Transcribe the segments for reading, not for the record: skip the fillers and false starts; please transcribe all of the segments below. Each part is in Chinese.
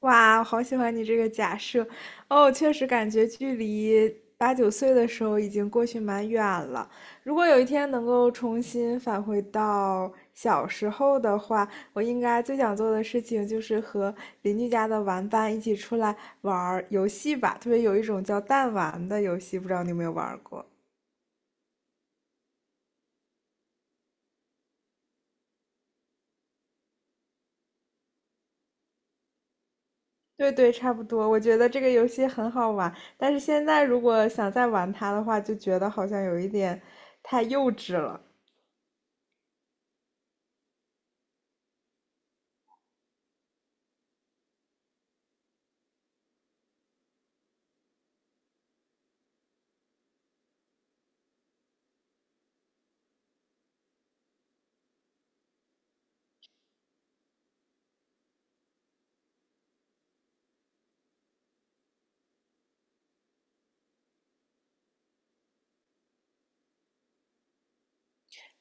哇，我好喜欢你这个假设哦！确实感觉距离八九岁的时候已经过去蛮远了。如果有一天能够重新返回到小时候的话，我应该最想做的事情就是和邻居家的玩伴一起出来玩儿游戏吧。特别有一种叫弹丸的游戏，不知道你有没有玩儿过？对对，差不多。我觉得这个游戏很好玩，但是现在如果想再玩它的话，就觉得好像有一点太幼稚了。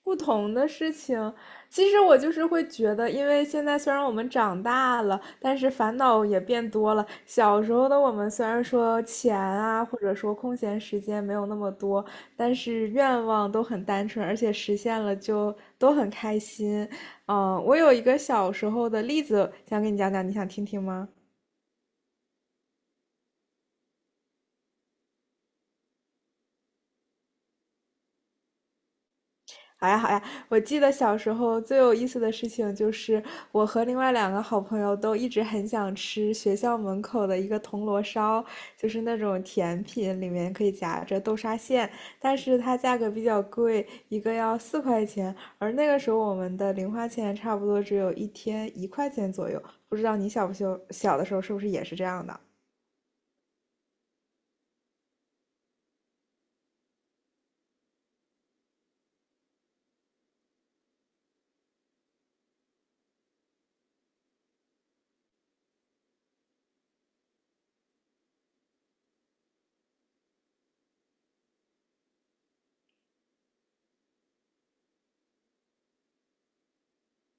不同的事情，其实我就是会觉得，因为现在虽然我们长大了，但是烦恼也变多了。小时候的我们虽然说钱啊，或者说空闲时间没有那么多，但是愿望都很单纯，而且实现了就都很开心。嗯，我有一个小时候的例子想给你讲讲，你想听听吗？好呀，好呀！我记得小时候最有意思的事情就是，我和另外两个好朋友都一直很想吃学校门口的一个铜锣烧，就是那种甜品，里面可以夹着豆沙馅，但是它价格比较贵，一个要4块钱，而那个时候我们的零花钱差不多只有一天一块钱左右。不知道你小不小小的时候是不是也是这样的？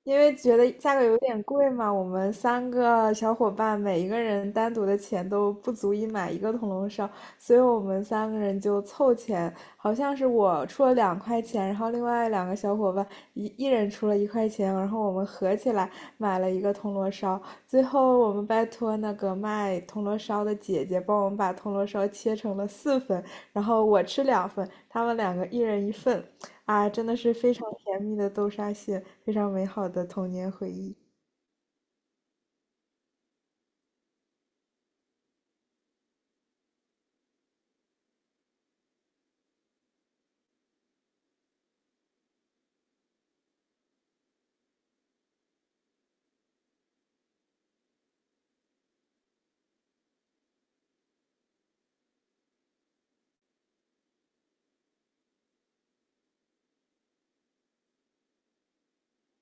因为觉得价格有点贵嘛，我们三个小伙伴每一个人单独的钱都不足以买一个铜锣烧，所以我们三个人就凑钱，好像是我出了2块钱，然后另外两个小伙伴一人出了一块钱，然后我们合起来买了一个铜锣烧。最后我们拜托那个卖铜锣烧的姐姐帮我们把铜锣烧切成了四份，然后我吃两份，他们两个一人一份。啊，真的是非常甜蜜的豆沙蟹，非常美好的童年回忆。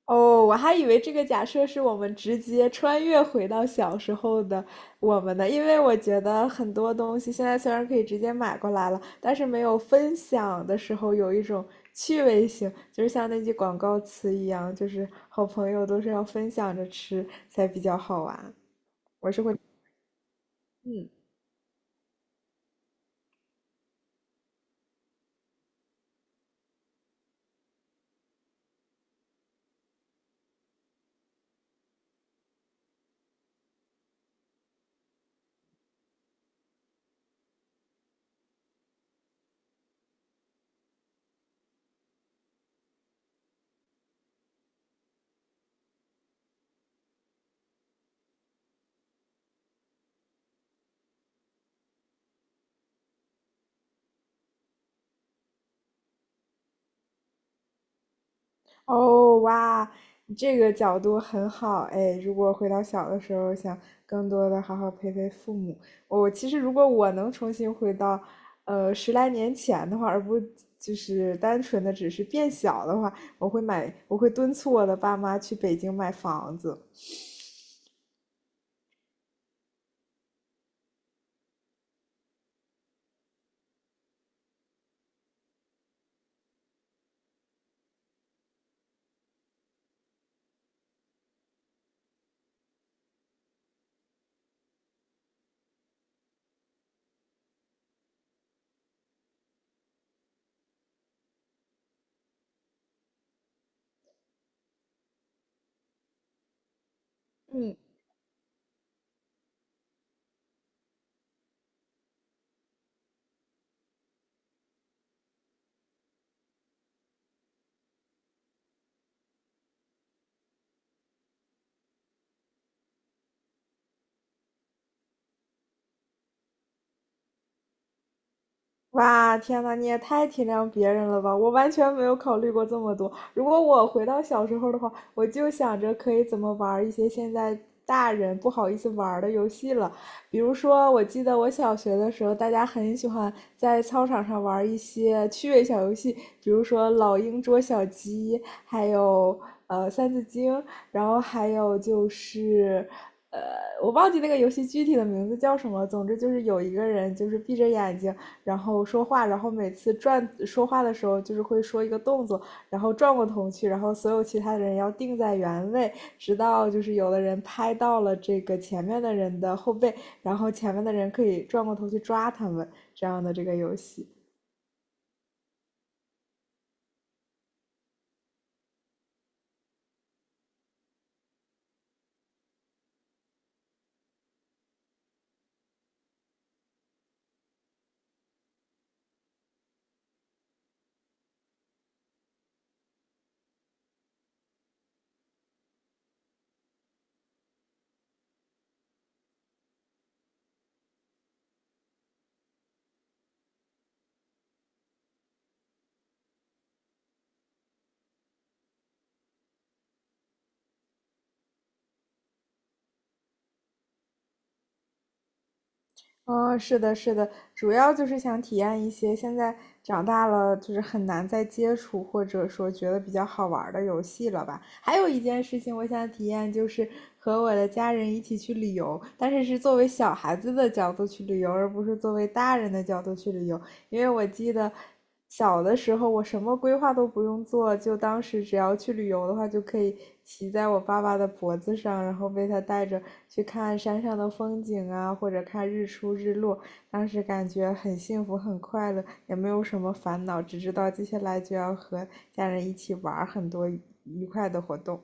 哦，我还以为这个假设是我们直接穿越回到小时候的我们的，因为我觉得很多东西现在虽然可以直接买过来了，但是没有分享的时候有一种趣味性，就是像那句广告词一样，就是好朋友都是要分享着吃才比较好玩。我是会，嗯。哦，哇，你这个角度很好哎！如果回到小的时候，想更多的好好陪陪父母，我其实如果我能重新回到，十来年前的话，而不就是单纯的只是变小的话，我会买，我会敦促我的爸妈去北京买房子。嗯。哇，天呐，你也太体谅别人了吧！我完全没有考虑过这么多。如果我回到小时候的话，我就想着可以怎么玩儿一些现在大人不好意思玩儿的游戏了。比如说，我记得我小学的时候，大家很喜欢在操场上玩儿一些趣味小游戏，比如说老鹰捉小鸡，还有三字经，然后还有就是呃，我忘记那个游戏具体的名字叫什么。总之就是有一个人就是闭着眼睛。然后说话，然后每次转说话的时候就是会说一个动作，然后转过头去，然后所有其他的人要定在原位，直到就是有的人拍到了这个前面的人的后背，然后前面的人可以转过头去抓他们，这样的这个游戏。哦，是的，是的，主要就是想体验一些现在长大了就是很难再接触，或者说觉得比较好玩儿的游戏了吧。还有一件事情我想体验，就是和我的家人一起去旅游，但是是作为小孩子的角度去旅游，而不是作为大人的角度去旅游。因为我记得小的时候我什么规划都不用做，就当时只要去旅游的话，就可以骑在我爸爸的脖子上，然后被他带着去看山上的风景啊，或者看日出日落。当时感觉很幸福，很快乐，也没有什么烦恼，只知道接下来就要和家人一起玩很多愉快的活动。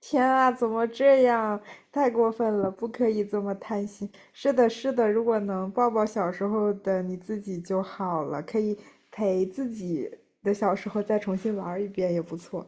天啊，怎么这样？太过分了，不可以这么贪心。是的，是的，如果能抱抱小时候的你自己就好了，可以陪自己的小时候再重新玩一遍也不错。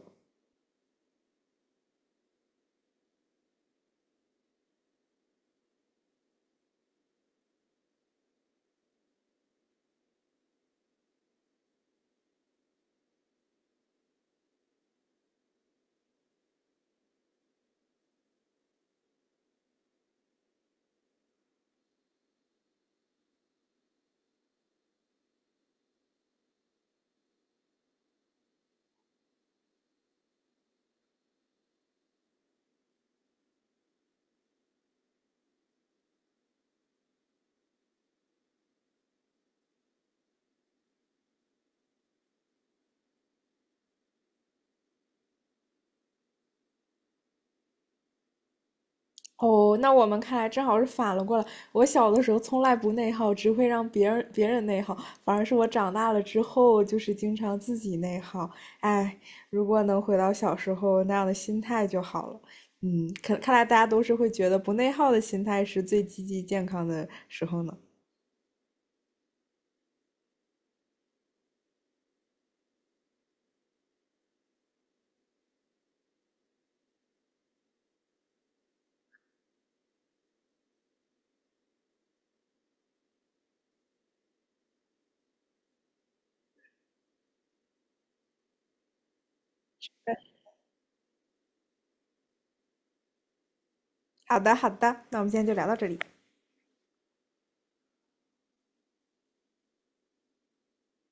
哦，那我们看来正好是反了过来。我小的时候从来不内耗，只会让别人内耗，反而是我长大了之后，就是经常自己内耗。哎，如果能回到小时候那样的心态就好了。嗯，可看来大家都是会觉得不内耗的心态是最积极健康的时候呢。好的，好的，那我们今天就聊到这里。